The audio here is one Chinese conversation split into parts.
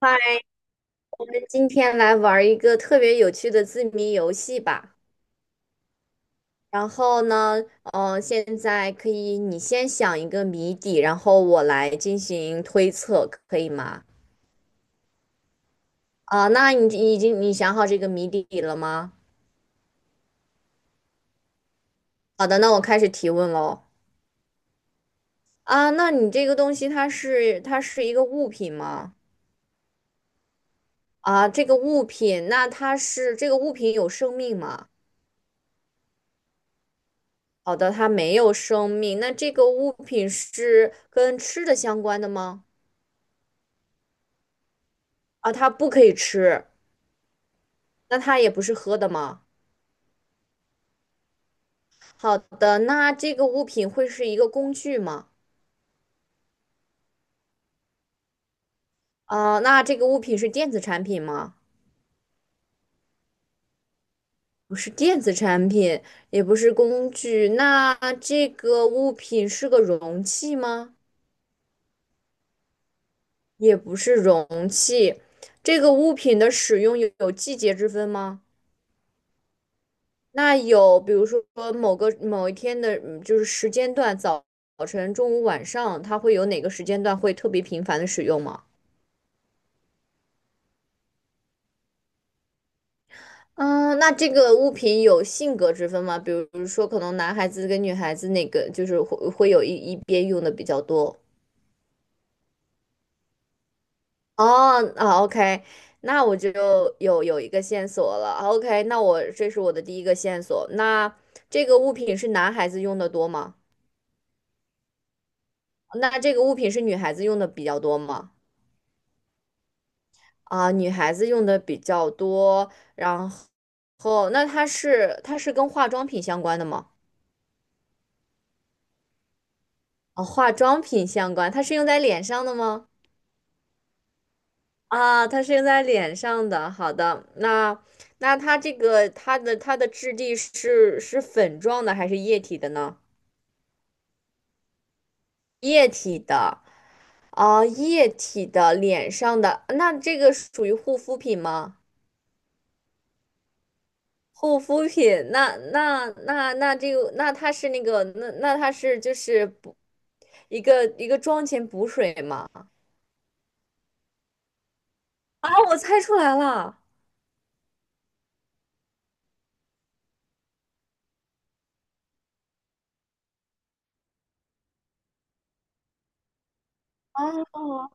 嗨，那今天来玩儿一个特别有趣的字谜游戏吧。然后呢，现在可以你先想一个谜底，然后我来进行推测，可以吗？啊、那你已经想好这个谜底了吗？好的，那我开始提问喽。啊、那你这个东西它是一个物品吗？啊、这个物品，那它是这个物品有生命吗？好的，它没有生命。那这个物品是跟吃的相关的吗？啊，它不可以吃，那它也不是喝的吗？好的，那这个物品会是一个工具吗？啊，那这个物品是电子产品吗？不是电子产品，也不是工具。那这个物品是个容器吗？也不是容器。这个物品的使用有季节之分吗？那有，比如说某一天的，就是时间段，早晨、中午、晚上，它会有哪个时间段会特别频繁的使用吗？嗯，那这个物品有性格之分吗？比如说，可能男孩子跟女孩子哪个就是会有一边用的比较多。哦，啊，OK，那我就有一个线索了。OK，那我这是我的第一个线索。那这个物品是男孩子用的多吗？那这个物品是女孩子用的比较多吗？啊，女孩子用的比较多。然后，那它是跟化妆品相关的吗？啊，化妆品相关，它是用在脸上的吗？啊，它是用在脸上的。好的，那那它这个它的它的质地是粉状的还是液体的呢？液体的，啊，液体的脸上的，那这个属于护肤品吗？护肤品，那那那那这个，那它是那个，那那它是就是一个妆前补水吗？啊，我猜出来了。哦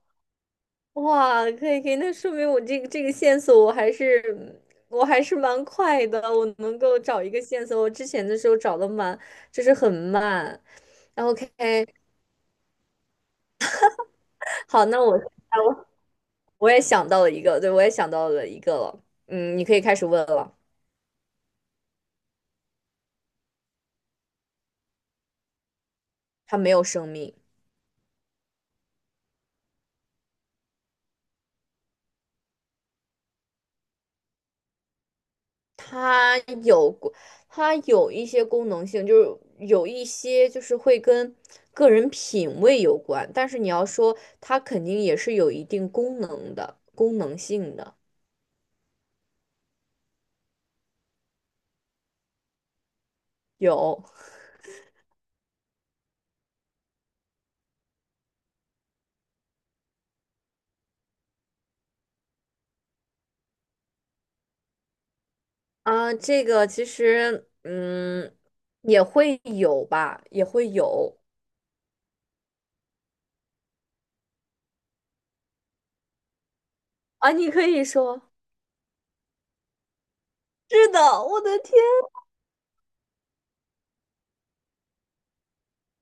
哇，可以可以，那说明我这个线索我还是蛮快的，我能够找一个线索。我之前的时候找的就是很慢。然后 OK，好，那我我也想到了一个，对，我也想到了一个了。嗯，你可以开始问了。它没有生命，它有过，它有一些功能性，就是有一些就是会跟个人品味有关，但是你要说它肯定也是有一定功能的，功能性的。有啊，这个其实也会有吧，也会有啊，你可以说。是的，我的天，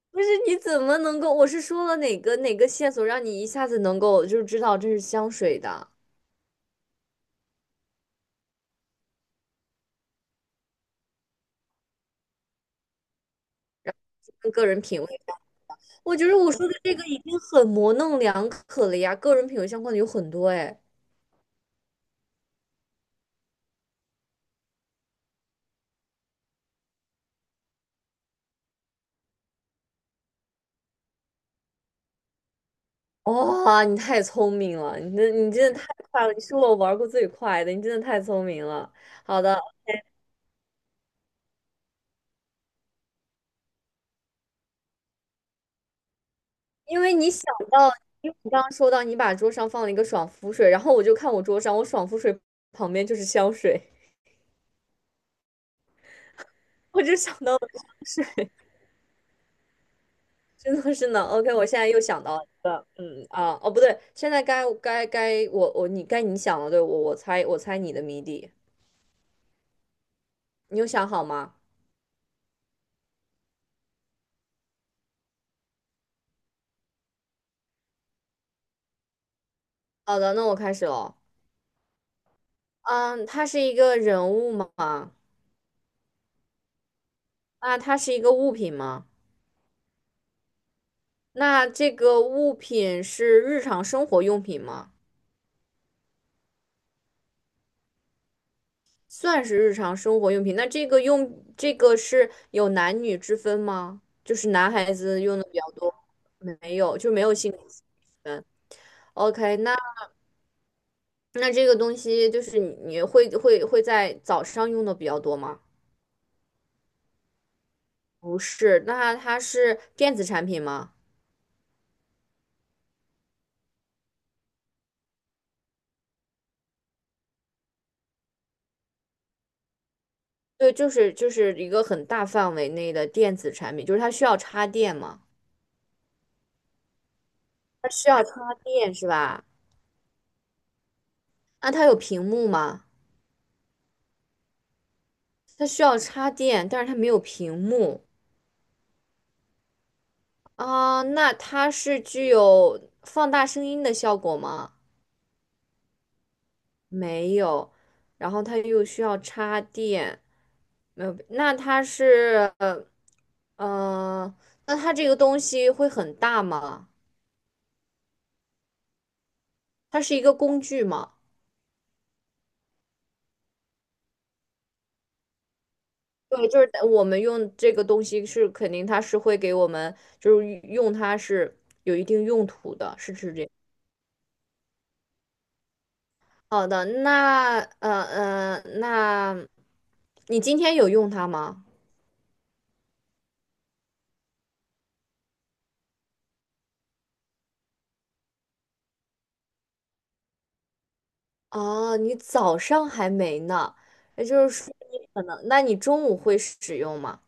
不是你怎么能够？我是说了哪个哪个线索让你一下子能够就是知道这是香水的？跟个人品味，我觉得我说的这个已经很模棱两可了呀，个人品味相关的有很多哎。哇、你太聪明了，你真的太快了，你是我玩过最快的，你真的太聪明了。好的。因为你想到，因为你刚刚说到你把桌上放了一个爽肤水，然后我就看我桌上，我爽肤水旁边就是香水，我就想到了香水真的是呢。OK，我现在又想到了哦不对，现在该你想了，对我猜你的谜底，你有想好吗？好的，那我开始了。嗯，它是一个人物吗？那它是一个物品吗？那这个物品是日常生活用品吗？算是日常生活用品。那这个用这个是有男女之分吗？就是男孩子用的比较多，没有，就没有性别之分。OK，那这个东西就是你会在早上用的比较多吗？不是，那它是电子产品吗？对，就是一个很大范围内的电子产品，就是它需要插电吗？它需要插电是吧？那它有屏幕吗？它需要插电，但是它没有屏幕。啊，那它是具有放大声音的效果吗？没有，然后它又需要插电，没有。那它是，呃那它这个东西会很大吗？它是一个工具吗？对，就是我们用这个东西是肯定它是会给我们，就是用它是有一定用途的，这好的，那那你今天有用它吗？哦，你早上还没呢，也就是说你可能，那你中午会使用吗？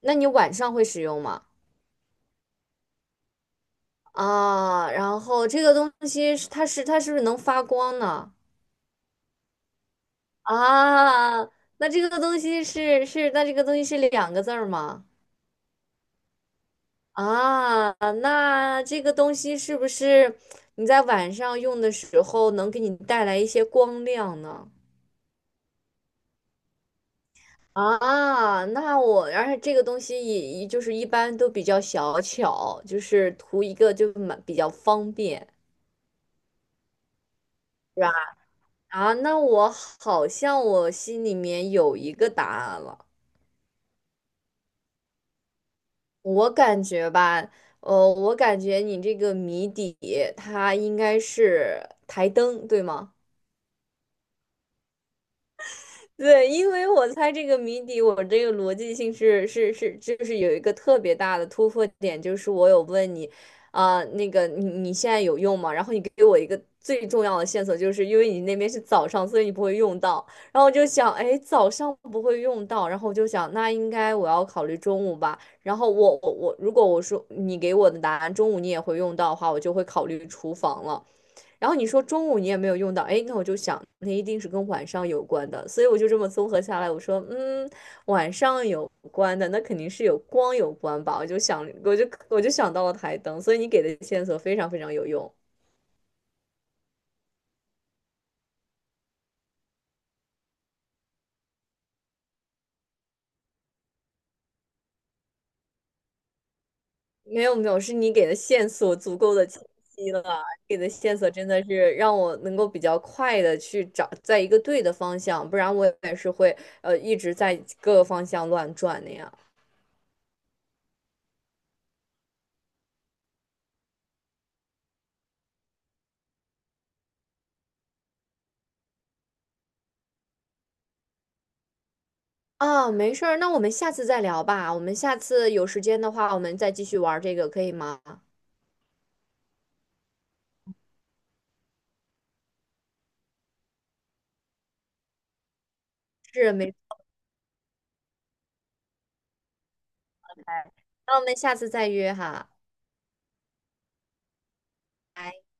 那你晚上会使用吗？啊，然后这个东西它是不是能发光呢？啊，那这个东西是这个东西是两个字儿吗？啊，那这个东西是不是你在晚上用的时候能给你带来一些光亮呢？啊，那我，而且这个东西也就是一般都比较小巧，就是图一个就比较方便，是吧？啊，那我好像我心里面有一个答案了，我感觉吧，我感觉你这个谜底它应该是台灯，对吗？对，因为我猜这个谜底，我这个逻辑性就是有一个特别大的突破点，就是我有问你，啊、那个你现在有用吗？然后你给我一个最重要的线索，就是因为你那边是早上，所以你不会用到。然后我就想，哎，早上不会用到，然后我就想，那应该我要考虑中午吧。然后我我我，如果我说你给我的答案中午你也会用到的话，我就会考虑厨房了。然后你说中午你也没有用到，哎，那我就想，那一定是跟晚上有关的，所以我就这么综合下来，我说，嗯，晚上有关的，那肯定是有光有关吧，我就想，我就想到了台灯，所以你给的线索非常非常有用，没有没有，是你给的线索足够的清晰了，给的线索真的是让我能够比较快的去找在一个对的方向，不然我也是会一直在各个方向乱转那样。啊，没事儿，那我们下次再聊吧。我们下次有时间的话，我们再继续玩儿这个，可以吗？是，没问题。那我们下次再约哈。拜